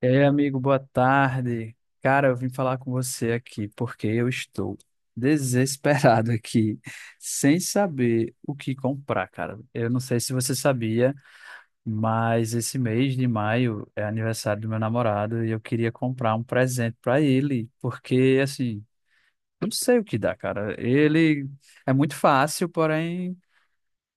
Ei, amigo, boa tarde. Cara, eu vim falar com você aqui porque eu estou desesperado aqui, sem saber o que comprar, cara. Eu não sei se você sabia, mas esse mês de maio é aniversário do meu namorado e eu queria comprar um presente para ele, porque assim, eu não sei o que dá, cara. Ele é muito fácil, porém.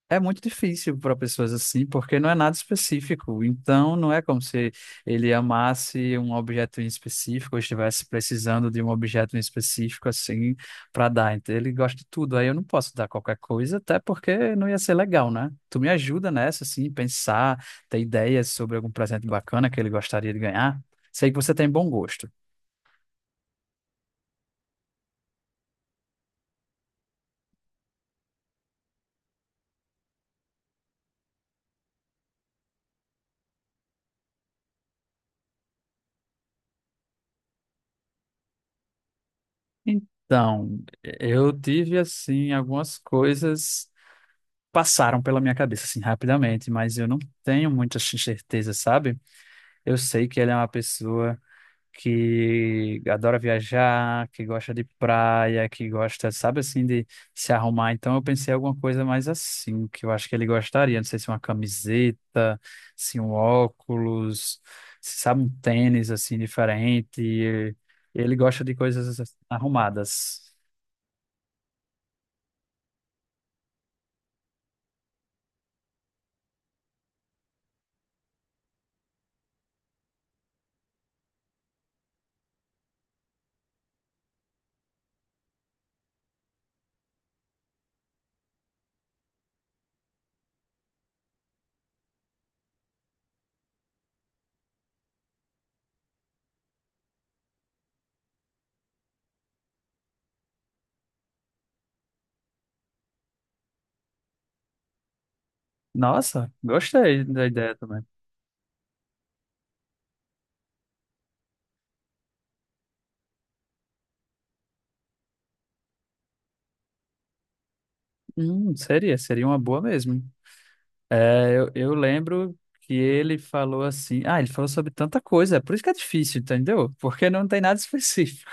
É muito difícil para pessoas assim, porque não é nada específico. Então, não é como se ele amasse um objeto em específico ou estivesse precisando de um objeto em específico assim para dar. Então, ele gosta de tudo. Aí eu não posso dar qualquer coisa, até porque não ia ser legal, né? Tu me ajuda nessa, assim, pensar, ter ideias sobre algum presente bacana que ele gostaria de ganhar. Sei que você tem bom gosto. Então, eu tive assim algumas coisas passaram pela minha cabeça, assim, rapidamente, mas eu não tenho muita certeza, sabe? Eu sei que ele é uma pessoa que adora viajar, que gosta de praia, que gosta, sabe, assim, de se arrumar. Então eu pensei em alguma coisa mais assim, que eu acho que ele gostaria. Não sei se uma camiseta, se um óculos, se sabe, um tênis, assim, diferente. Ele gosta de coisas arrumadas. Nossa, gostei da ideia também. Seria uma boa mesmo. Eu lembro que ele falou assim. Ah, ele falou sobre tanta coisa, é por isso que é difícil, entendeu? Porque não tem nada específico.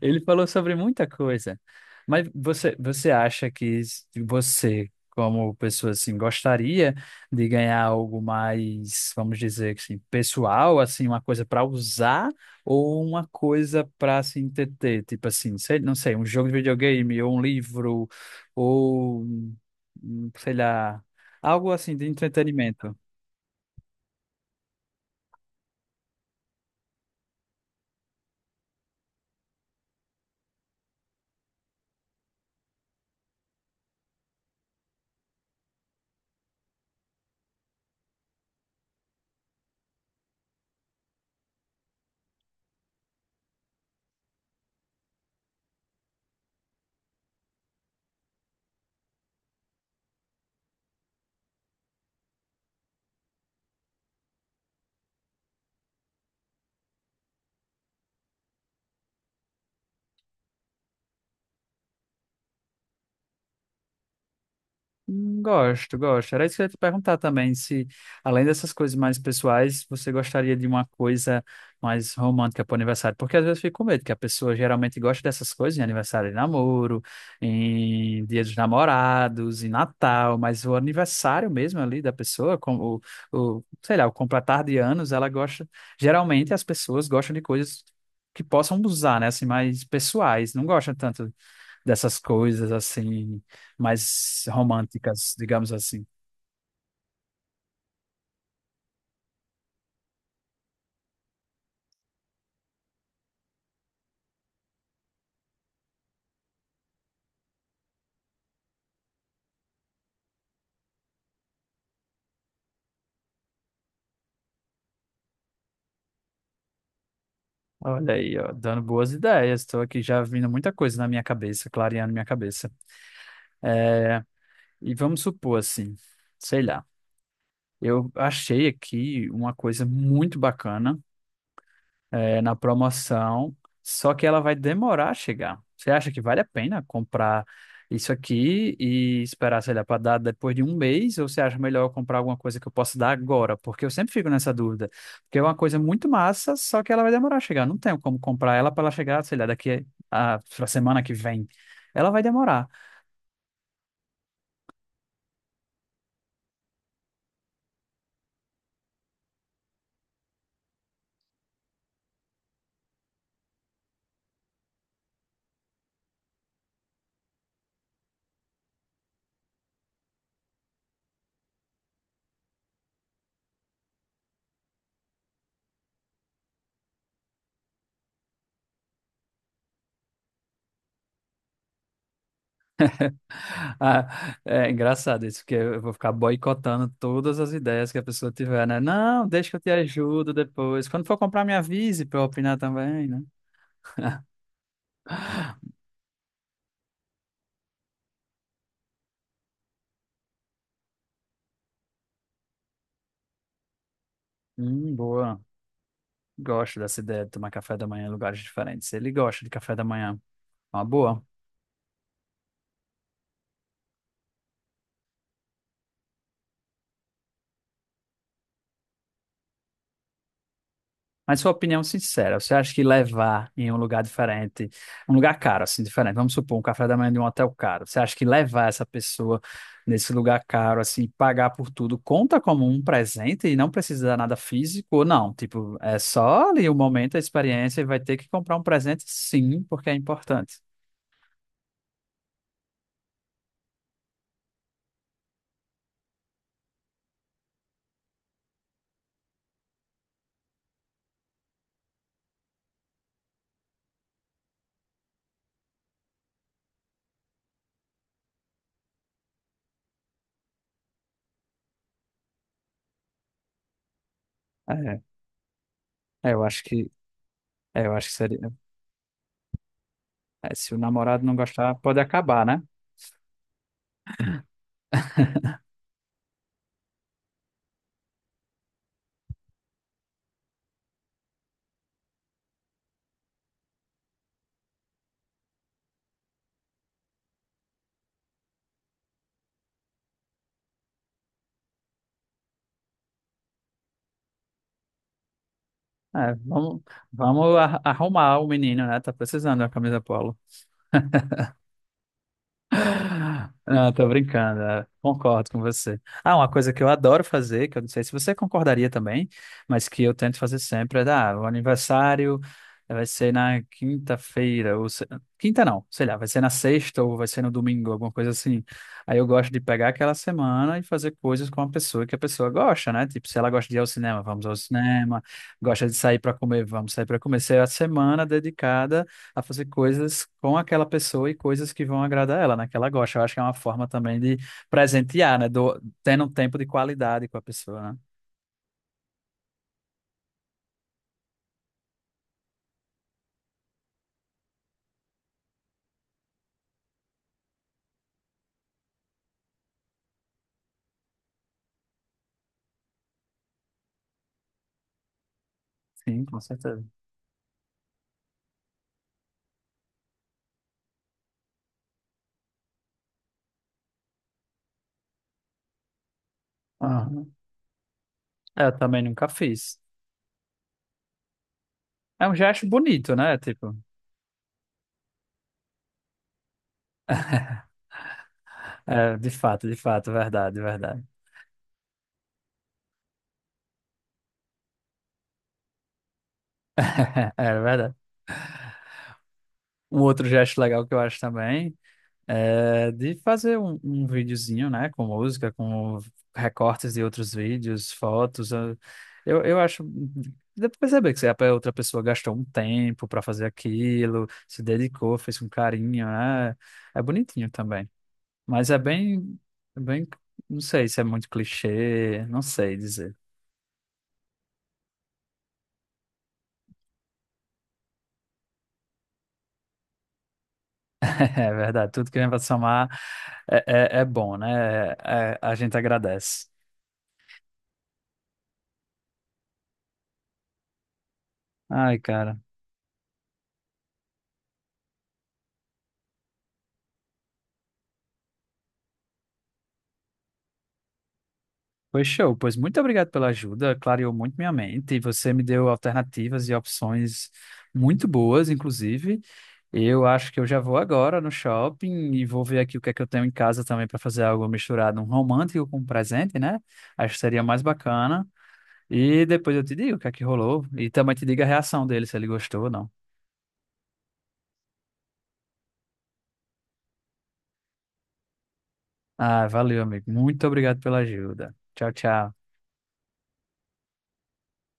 Ele falou sobre muita coisa. Mas você acha que você, como pessoa assim, gostaria de ganhar algo mais, vamos dizer assim, pessoal, assim, uma coisa para usar ou uma coisa para se entreter, tipo assim, sei, não sei, um jogo de videogame ou um livro ou um, sei lá, algo assim de entretenimento. Gosto, gosto. Era isso que eu ia te perguntar também, se além dessas coisas mais pessoais, você gostaria de uma coisa mais romântica para o aniversário? Porque às vezes eu fico com medo que a pessoa geralmente gosta dessas coisas em aniversário de namoro, em Dia dos Namorados, em Natal, mas o aniversário mesmo ali da pessoa, como o, sei lá, o completar de anos, ela gosta, geralmente as pessoas gostam de coisas que possam usar, né, assim, mais pessoais, não gostam tanto dessas coisas assim, mais românticas, digamos assim. Olha aí, ó, dando boas ideias. Estou aqui já vindo muita coisa na minha cabeça, clareando minha cabeça. E vamos supor assim, sei lá, eu achei aqui uma coisa muito bacana é, na promoção, só que ela vai demorar a chegar. Você acha que vale a pena comprar isso aqui e esperar, sei lá, para dar depois de um mês? Ou você acha melhor eu comprar alguma coisa que eu possa dar agora? Porque eu sempre fico nessa dúvida. Porque é uma coisa muito massa, só que ela vai demorar a chegar. Não tenho como comprar ela para ela chegar, sei lá, daqui a semana que vem. Ela vai demorar. Ah, é engraçado isso, porque eu vou ficar boicotando todas as ideias que a pessoa tiver, né? Não, deixa que eu te ajudo depois. Quando for comprar, me avise para eu opinar também, né? Boa. Gosto dessa ideia de tomar café da manhã em lugares diferentes. Ele gosta de café da manhã. Uma boa. Mas sua opinião sincera, você acha que levar em um lugar diferente, um lugar caro, assim, diferente, vamos supor, um café da manhã de um hotel caro, você acha que levar essa pessoa nesse lugar caro, assim, pagar por tudo, conta como um presente e não precisa dar nada físico ou não? Tipo, é só ali o momento, a experiência e vai ter que comprar um presente, sim, porque é importante. É, eu acho que, é, eu acho que seria. É, se o namorado não gostar, pode acabar, né? É, vamos arrumar o menino, né? Tá precisando da camisa polo. Não, tô brincando, é, concordo com você. Ah, uma coisa que eu adoro fazer, que eu não sei se você concordaria também, mas que eu tento fazer sempre é dar, ah, o aniversário vai ser na quinta-feira, ou quinta não, sei lá, vai ser na sexta ou vai ser no domingo, alguma coisa assim. Aí eu gosto de pegar aquela semana e fazer coisas com a pessoa que a pessoa gosta, né? Tipo, se ela gosta de ir ao cinema, vamos ao cinema, gosta de sair para comer, vamos sair para comer. Se é a semana dedicada a fazer coisas com aquela pessoa e coisas que vão agradar ela, né? Que ela gosta. Eu acho que é uma forma também de presentear, né? Do, tendo um tempo de qualidade com a pessoa, né? Sim, com certeza. Aham. Eu também nunca fiz. É um gesto bonito, né? Tipo. É, de fato, verdade, verdade. É verdade. Um outro gesto legal que eu acho também. É, de fazer um, um videozinho, né, com música, com recortes de outros vídeos, fotos. Eu acho. Dá pra perceber que se a outra pessoa gastou um tempo para fazer aquilo, se dedicou, fez com carinho, né? É bonitinho também. Mas é bem, não sei se é muito clichê, não sei dizer. É verdade, tudo que vem pra somar é, é bom, né? É- é- a gente agradece. Ai, cara. Foi show, pois muito obrigado pela ajuda, clareou muito minha mente e você me deu alternativas e opções muito boas, inclusive. Eu acho que eu já vou agora no shopping e vou ver aqui o que é que eu tenho em casa também para fazer algo misturado, um romântico com um presente, né? Acho que seria mais bacana. E depois eu te digo o que é que rolou e também te digo a reação dele, se ele gostou ou não. Ah, valeu, amigo. Muito obrigado pela ajuda. Tchau, tchau.